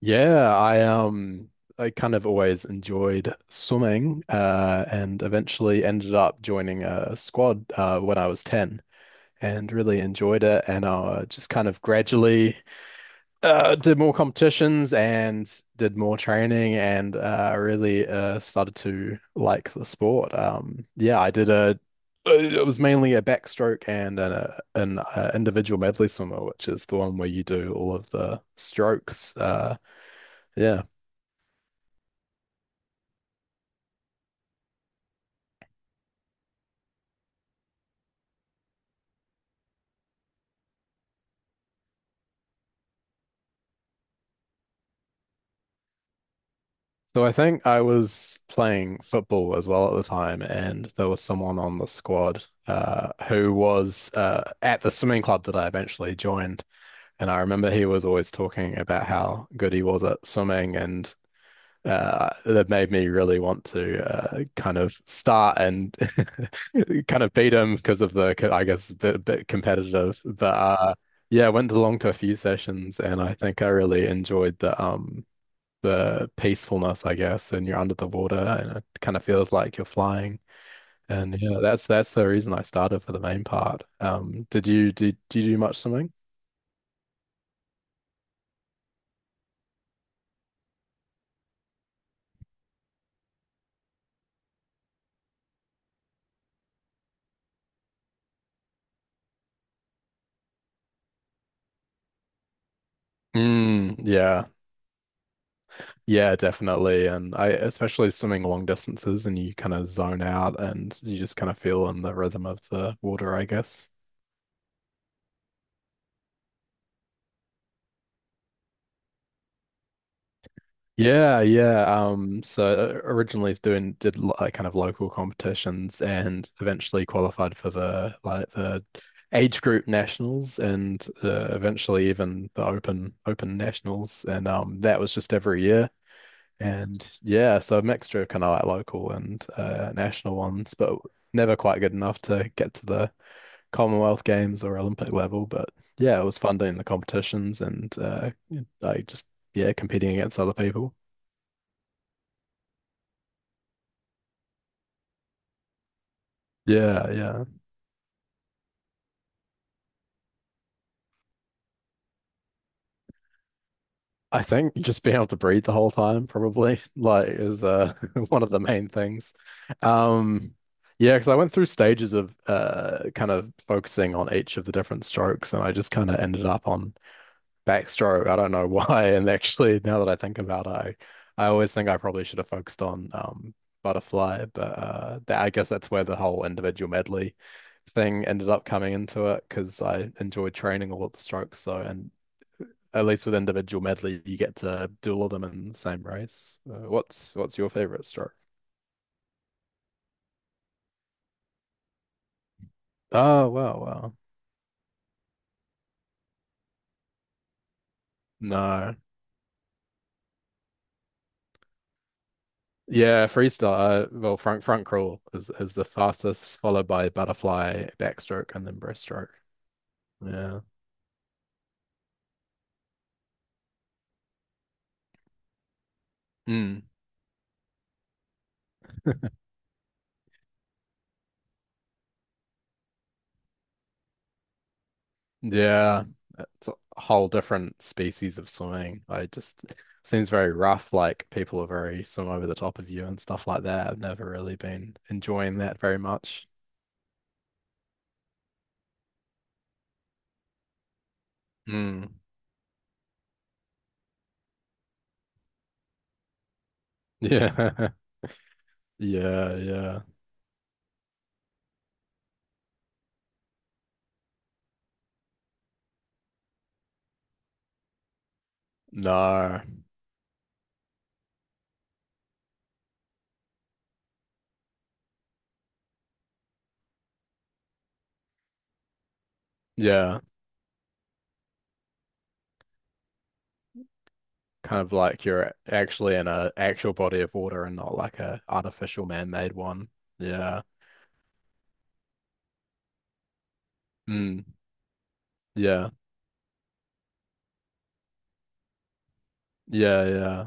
Yeah. I kind of always enjoyed swimming and eventually ended up joining a squad when I was 10, and really enjoyed it, and just kind of gradually did more competitions and did more training, and really started to like the sport. Yeah, I did a it was mainly a backstroke and an individual medley swimmer, which is the one where you do all of the strokes. Yeah. So I think I was playing football as well at the time, and there was someone on the squad who was at the swimming club that I eventually joined. And I remember he was always talking about how good he was at swimming, and that made me really want to kind of start and kind of beat him because of the, I guess, a bit competitive. But Yeah, I went along to a few sessions, and I think I really enjoyed the peacefulness, I guess, and you're under the water and it kind of feels like you're flying. And yeah, that's the reason I started for the main part. Did you did you do much swimming? Mm, yeah. Yeah, definitely. And I especially swimming long distances and you kind of zone out and you just kind of feel in the rhythm of the water, I guess. Yeah, yeah. Originally it's doing did lo- like kind of local competitions, and eventually qualified for the age group nationals, and eventually even the open nationals, and that was just every year, and yeah, so a mixture of kind of like local and national ones, but never quite good enough to get to the Commonwealth Games or Olympic level. But yeah, it was fun doing the competitions and like just yeah, competing against other people. Yeah, yeah. I think just being able to breathe the whole time probably, like is one of the main things. Um yeah, because I went through stages of kind of focusing on each of the different strokes, and I just kind of ended up on backstroke. I don't know why. And actually, now that I think about it, I always think I probably should have focused on butterfly, I guess that's where the whole individual medley thing ended up coming into it, because I enjoyed training all of the strokes. So, and at least with individual medley, you get to do all of them in the same race. What's your favorite stroke? Oh, wow, wow. No. Yeah, freestyle. Well, front crawl is the fastest, followed by butterfly, backstroke, and then breaststroke. Yeah. Mm. Yeah. It's a whole different species of swimming. I just seems very rough. Like people are very swim over the top of you and stuff like that. I've never really been enjoying that very much. Mm. Yeah. Yeah. Yeah. No. Yeah. Kind of like you're actually in a actual body of water and not like a artificial man-made one. Yeah. Mm. Yeah. Yeah, yeah.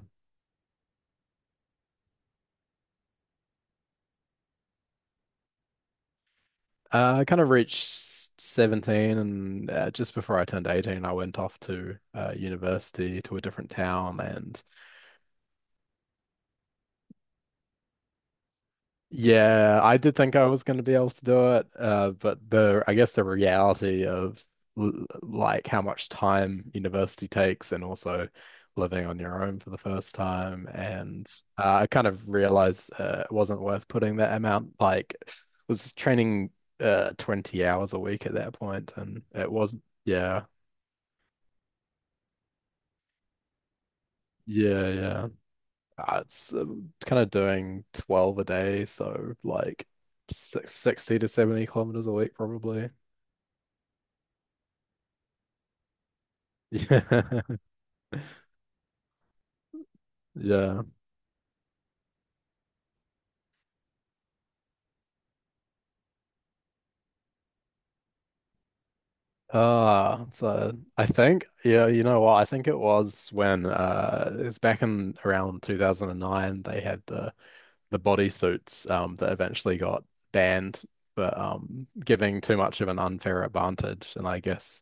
I kind of reached 17, and just before I turned 18, I went off to university to a different town. And yeah, I did think I was going to be able to do it, but the I guess the reality of like how much time university takes, and also living on your own for the first time, and I kind of realized it wasn't worth putting that amount. Like, was training 20 hours a week at that point, and it wasn't. Yeah, yeah, yeah. It's Kind of doing 12 a day, so like six, 60 to 70 kilometers a week probably. Yeah. Yeah. Ah, so I think, yeah, you know what? I think it was when it was back in around 2009 they had the bodysuits that eventually got banned for giving too much of an unfair advantage, and I guess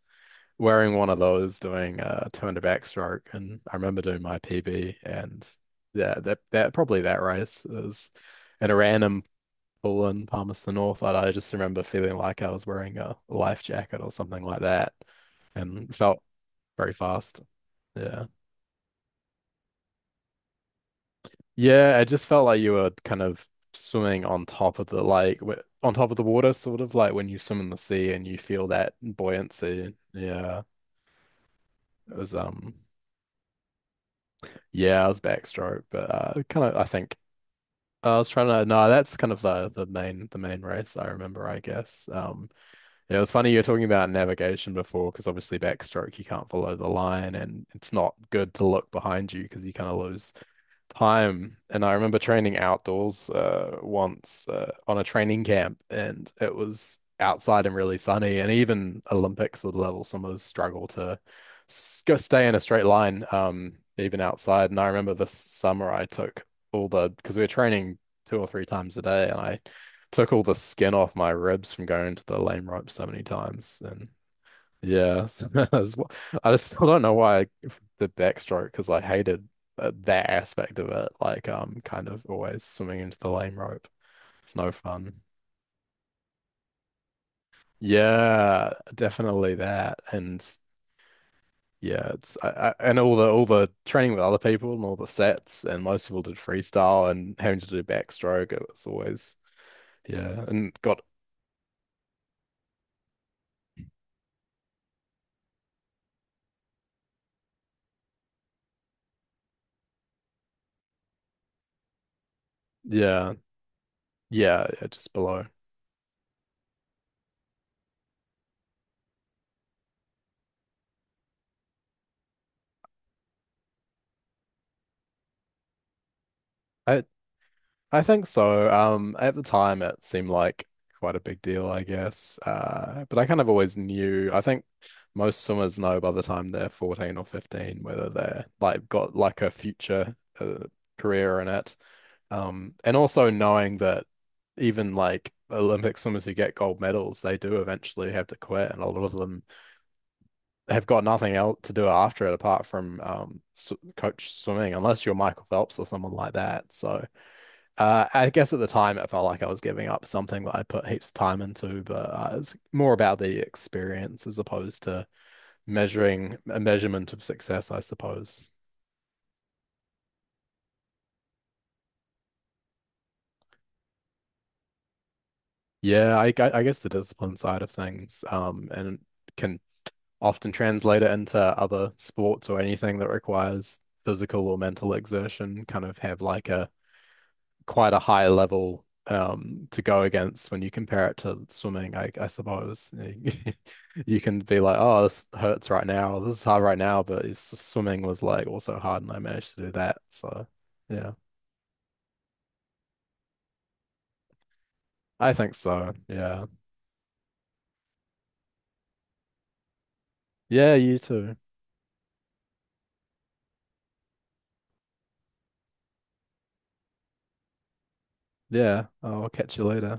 wearing one of those doing a 200 backstroke, and I remember doing my PB. And yeah, that probably that race is in a random pool in Palmerston North. I just remember feeling like I was wearing a life jacket or something like that, and felt very fast. Yeah. Yeah, it just felt like you were kind of swimming on top of the like w on top of the water, sort of like when you swim in the sea and you feel that buoyancy. Yeah. It was yeah, it was backstroke, but kind of I think I was trying to no, that's kind of the main race I remember, I guess. Yeah, it was funny you were talking about navigation before, because obviously backstroke you can't follow the line, and it's not good to look behind you because you kind of lose time. And I remember training outdoors once on a training camp, and it was outside and really sunny. And even Olympic sort of level swimmers struggle to go stay in a straight line, even outside. And I remember this summer I took all the because we were training two or three times a day, and I took all the skin off my ribs from going to the lane rope so many times. And yeah, I just still don't know why the backstroke, because I hated that aspect of it. Like, kind of always swimming into the lame rope. It's no fun. Yeah, definitely that. And yeah, and all the training with other people and all the sets, and most people did freestyle, and having to do backstroke. It was always yeah, and got yeah, yeah, yeah, just below. I, I think so. At the time, it seemed like quite a big deal, I guess. But I kind of always knew. I think most swimmers know by the time they're 14 or 15 whether they're like got like a future career in it. And also knowing that even like Olympic swimmers who get gold medals, they do eventually have to quit, and a lot of them have got nothing else to do after it apart from sw coach swimming, unless you're Michael Phelps or someone like that. So. I guess at the time it felt like I was giving up something that I put heaps of time into, but it's more about the experience as opposed to measuring a measurement of success, I suppose. Yeah, I guess the discipline side of things, and can often translate it into other sports or anything that requires physical or mental exertion. Kind of have like a quite a high level, to go against when you compare it to swimming, I suppose. You you can be like, oh, this hurts right now, this is hard right now, but it's just swimming was like also hard and I managed to do that. So, yeah, I think so. Yeah. Yeah, you too. Yeah, I'll catch you later.